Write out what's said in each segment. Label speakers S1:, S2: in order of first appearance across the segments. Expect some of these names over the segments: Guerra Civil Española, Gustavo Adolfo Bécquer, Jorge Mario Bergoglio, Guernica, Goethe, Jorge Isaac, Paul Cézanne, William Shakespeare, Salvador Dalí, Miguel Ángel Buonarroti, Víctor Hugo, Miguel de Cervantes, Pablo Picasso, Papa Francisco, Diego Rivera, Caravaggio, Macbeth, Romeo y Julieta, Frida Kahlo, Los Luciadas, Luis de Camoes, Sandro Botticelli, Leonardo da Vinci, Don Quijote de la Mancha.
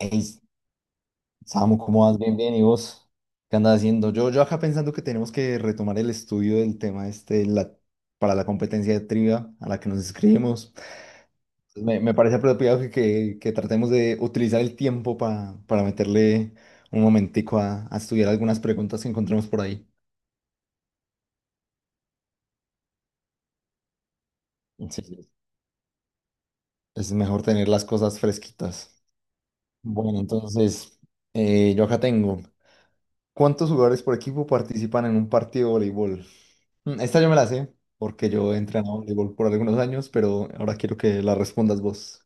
S1: Hey, Samu, ¿cómo vas? Bien, bien. ¿Y vos? ¿Qué andas haciendo? Yo acá pensando que tenemos que retomar el estudio del tema este, para la competencia de trivia a la que nos inscribimos. Entonces, Me parece apropiado que tratemos de utilizar el tiempo para meterle un momentico a estudiar algunas preguntas que encontremos por ahí. Sí, sí. Es mejor tener las cosas fresquitas. Bueno, entonces, yo acá tengo. ¿Cuántos jugadores por equipo participan en un partido de voleibol? Esta yo me la sé, porque yo he entrenado voleibol por algunos años, pero ahora quiero que la respondas vos.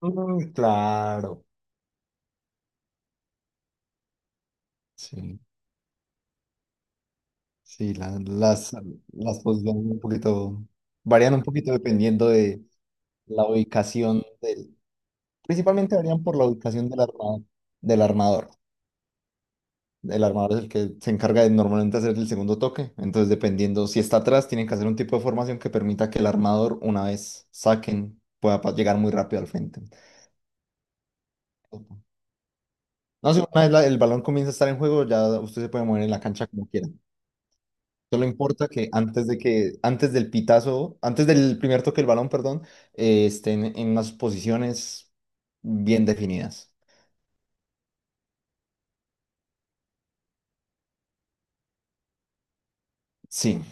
S1: Mm, claro. Sí, sí, las posiciones un poquito, varían un poquito dependiendo de la ubicación principalmente varían por la ubicación del armador. El armador es el que se encarga de normalmente hacer el segundo toque, entonces dependiendo si está atrás, tienen que hacer un tipo de formación que permita que el armador, una vez saquen, pueda llegar muy rápido al frente. No, si una vez el balón comienza a estar en juego, ya usted se puede mover en la cancha como quiera. Solo importa que antes del pitazo, antes del primer toque del balón, perdón, estén en unas posiciones bien definidas. Sí,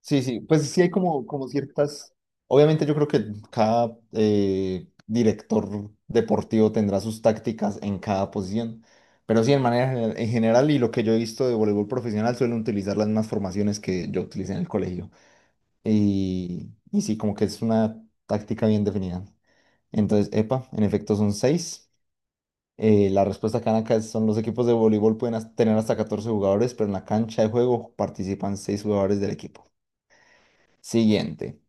S1: sí, sí. Pues sí hay como ciertas. Obviamente yo creo que cada director deportivo tendrá sus tácticas en cada posición. Pero sí, en general, y lo que yo he visto de voleibol profesional suelen utilizar las mismas formaciones que yo utilicé en el colegio. Y sí, como que es una táctica bien definida. Entonces, epa, en efecto son seis. La respuesta que dan acá son los equipos de voleibol pueden tener hasta 14 jugadores, pero en la cancha de juego participan seis jugadores del equipo. Siguiente.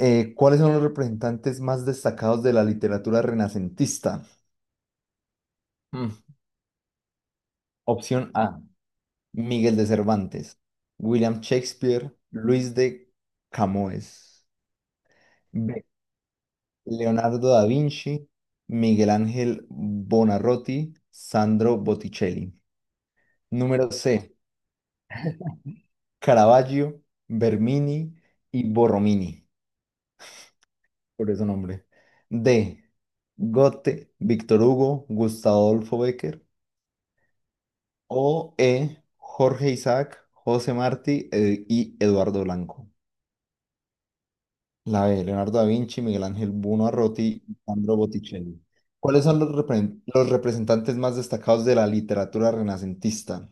S1: ¿Cuáles son los representantes más destacados de la literatura renacentista? Mm, Opción A, Miguel de Cervantes, William Shakespeare, Luis de Camoes. B, Leonardo da Vinci, Miguel Ángel Buonarroti, Sandro Botticelli. Número C, Caravaggio, Bernini y Borromini, por ese nombre. D, Goethe, Víctor Hugo, Gustavo Adolfo Bécquer. O E, Jorge Isaac, José Martí y Eduardo Blanco. La B, Leonardo da Vinci, Miguel Ángel Buonarroti y Sandro Botticelli. ¿Cuáles son los los representantes más destacados de la literatura renacentista?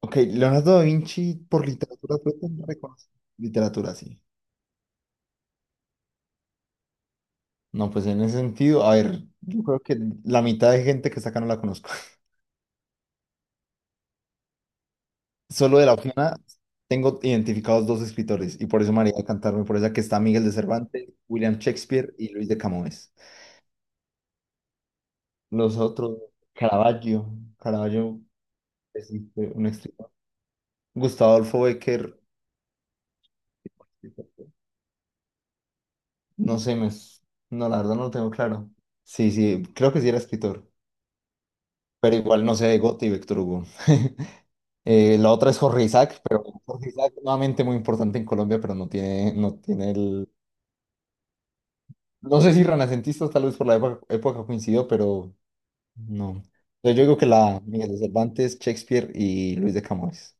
S1: Ok, Leonardo da Vinci por literatura fue tan reconocido. Literatura, sí. No, pues en ese sentido, a ver, yo creo que la mitad de gente que está acá no la conozco. Solo de la opción A tengo identificados dos escritores y por eso María de Cantarme, por esa que está Miguel de Cervantes, William Shakespeare y Luis de Camões. Los otros, Caravaggio, Caravaggio es un escritor. Gustavo Adolfo Becker, no sé, no, la verdad no lo tengo claro. Sí, sí, creo que sí era escritor. Pero igual no sé de Goethe y Víctor Hugo. La otra es Jorge Isaac, pero Jorge Isaac nuevamente muy importante en Colombia, pero no tiene el. No sé si renacentistas tal vez por la época coincidió, pero no. Entonces yo digo que la Miguel de Cervantes, Shakespeare y Luis de Camões.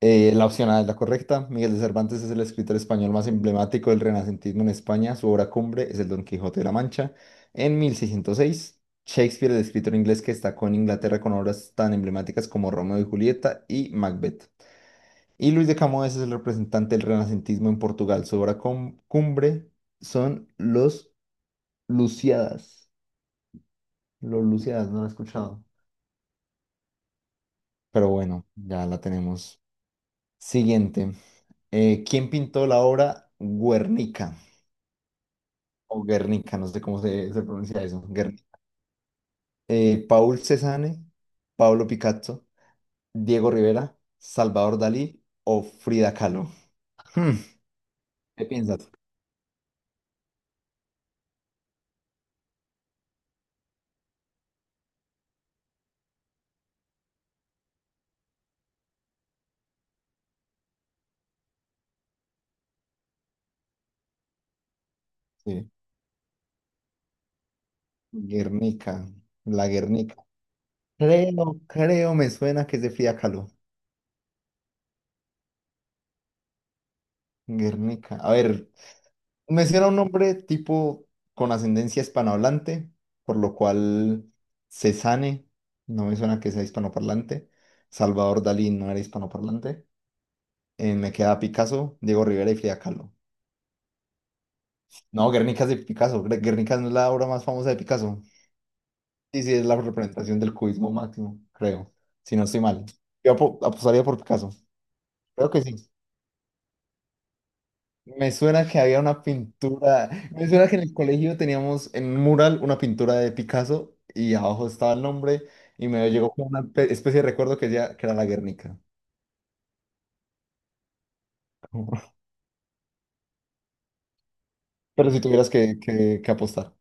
S1: La opción A es la correcta. Miguel de Cervantes es el escritor español más emblemático del renacentismo en España. Su obra cumbre es el Don Quijote de la Mancha. En 1606, Shakespeare, el escritor inglés que destacó en Inglaterra con obras tan emblemáticas como Romeo y Julieta y Macbeth. Y Luis de Camoes es el representante del renacentismo en Portugal. Su obra cumbre son los Luciadas. Los Luciadas, no lo he escuchado. Pero bueno, ya la tenemos. Siguiente. ¿Quién pintó la obra Guernica? O Guernica, no sé cómo se pronuncia eso, Guernica. Paul Cézanne, Pablo Picasso, Diego Rivera, Salvador Dalí o Frida Kahlo. Hmm, ¿Qué piensas? Sí. Guernica, la Guernica. Me suena que es de Frida Kahlo. Guernica. A ver, me suena un nombre tipo con ascendencia hispanohablante, por lo cual Cézanne, no me suena que sea hispanoparlante. Salvador Dalí no era hispanoparlante. Me queda Picasso, Diego Rivera y Frida Kahlo. No, Guernica es de Picasso. Guernica no es la obra más famosa de Picasso. Sí, sí, es la representación del cubismo máximo, creo. Si no estoy mal. Yo apostaría por Picasso. Creo que sí. Me suena que había una pintura. Me suena que en el colegio teníamos en un mural una pintura de Picasso y abajo estaba el nombre y me llegó como una especie de recuerdo que decía que era la Guernica. Pero si tuvieras que apostar.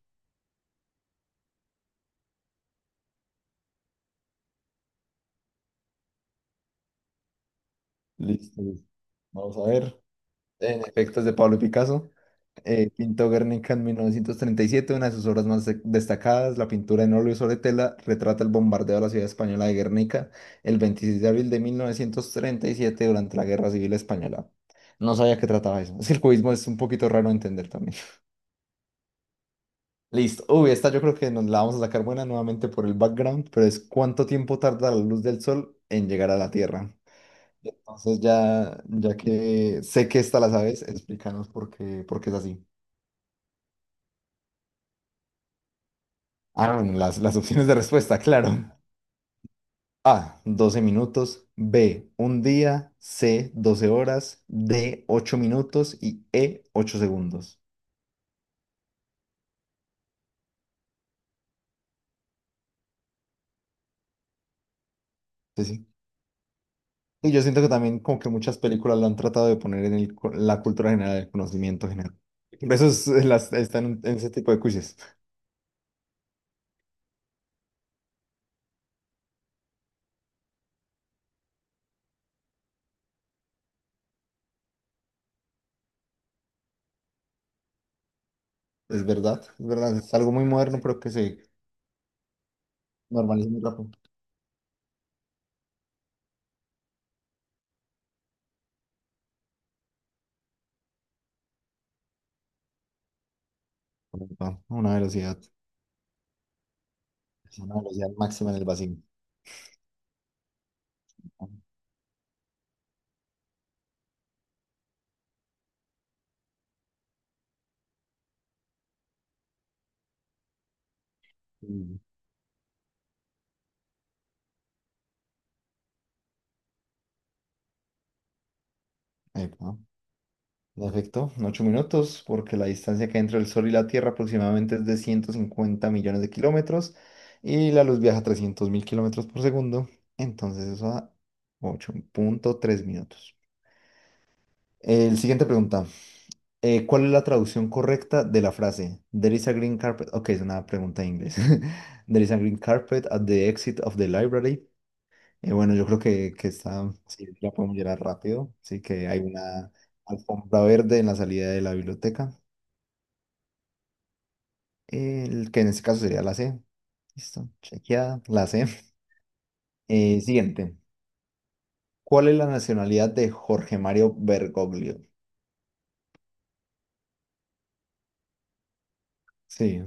S1: Listo, listo. Vamos a ver. En efecto, es de Pablo Picasso. Pintó Guernica en 1937, una de sus obras más destacadas, la pintura en óleo sobre tela, retrata el bombardeo de la ciudad española de Guernica el 26 de abril de 1937 durante la Guerra Civil Española. No sabía que trataba eso. Es que el cubismo es un poquito raro de entender también. Listo. Uy, esta yo creo que nos la vamos a sacar buena nuevamente por el background, pero es cuánto tiempo tarda la luz del sol en llegar a la Tierra. Entonces ya, ya que sé que esta la sabes, explícanos por qué es así. Ah, bueno, las opciones de respuesta, claro. A, 12 minutos. B, un día. C, 12 horas. D, 8 minutos. Y E, 8 segundos. Sí, sí. Y yo siento que también como que muchas películas lo han tratado de poner en el la cultura general, el conocimiento general. Por eso están en ese tipo de quizzes. Es verdad, es verdad. Es algo muy moderno, pero que se normaliza muy rápido. Epa, Una velocidad máxima en el vacío. Mm, Epa. En efecto, 8 minutos, porque la distancia que hay entre el Sol y la Tierra aproximadamente es de 150 millones de kilómetros y la luz viaja a 300 mil kilómetros por segundo, entonces eso da 8,3 minutos. El siguiente pregunta, ¿cuál es la traducción correcta de la frase There is a green carpet? Ok, es una pregunta en inglés. There is a green carpet at the exit of the library. Bueno, yo creo que está, sí, la podemos llegar rápido, sí que hay una alfombra verde en la salida de la biblioteca. El que en este caso sería la C. Listo, chequeada, la C. Siguiente. ¿Cuál es la nacionalidad de Jorge Mario Bergoglio? Sí,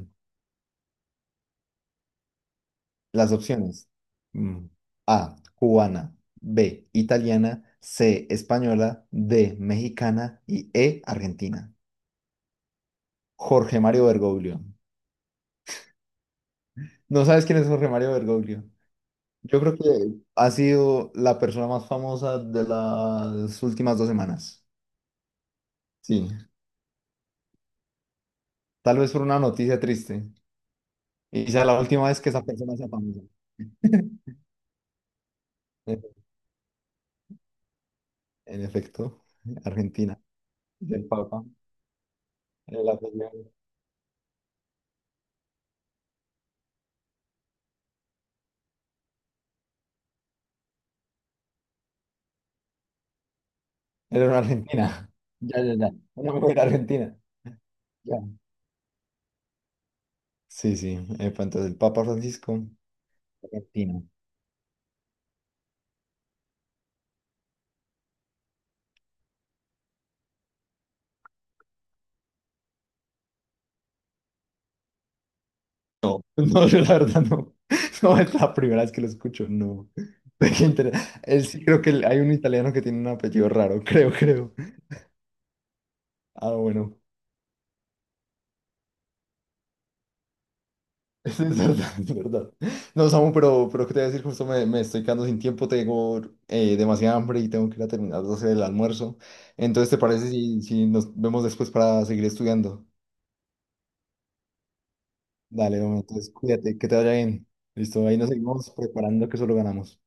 S1: las opciones. Mm, A, cubana, B, italiana, C, española, D, mexicana y E, argentina. Jorge Mario Bergoglio. ¿No sabes quién es Jorge Mario Bergoglio? Yo creo que ha sido la persona más famosa de las últimas 2 semanas. Sí, tal vez por una noticia triste. Y sea la última vez que esa persona sea famosa. En efecto, Argentina. El Papa. El apellido. Era una argentina. Ya, ya, ya. Una mujer argentina. Ya. Sí, sí. Epa, entonces el Papa Francisco. Argentina. No, no, yo la verdad no. No es la primera vez que lo escucho. No. De qué inter- Él sí creo que hay un italiano que tiene un apellido raro. Creo. Ah, bueno. Es verdad, es verdad. No, Samu, pero ¿qué te voy a decir? Justo me estoy quedando sin tiempo, tengo demasiada hambre y tengo que ir a terminar de hacer el almuerzo. Entonces, ¿te parece si nos vemos después para seguir estudiando? Dale, hombre, entonces cuídate, que te vaya bien. Listo, ahí nos seguimos preparando que solo ganamos.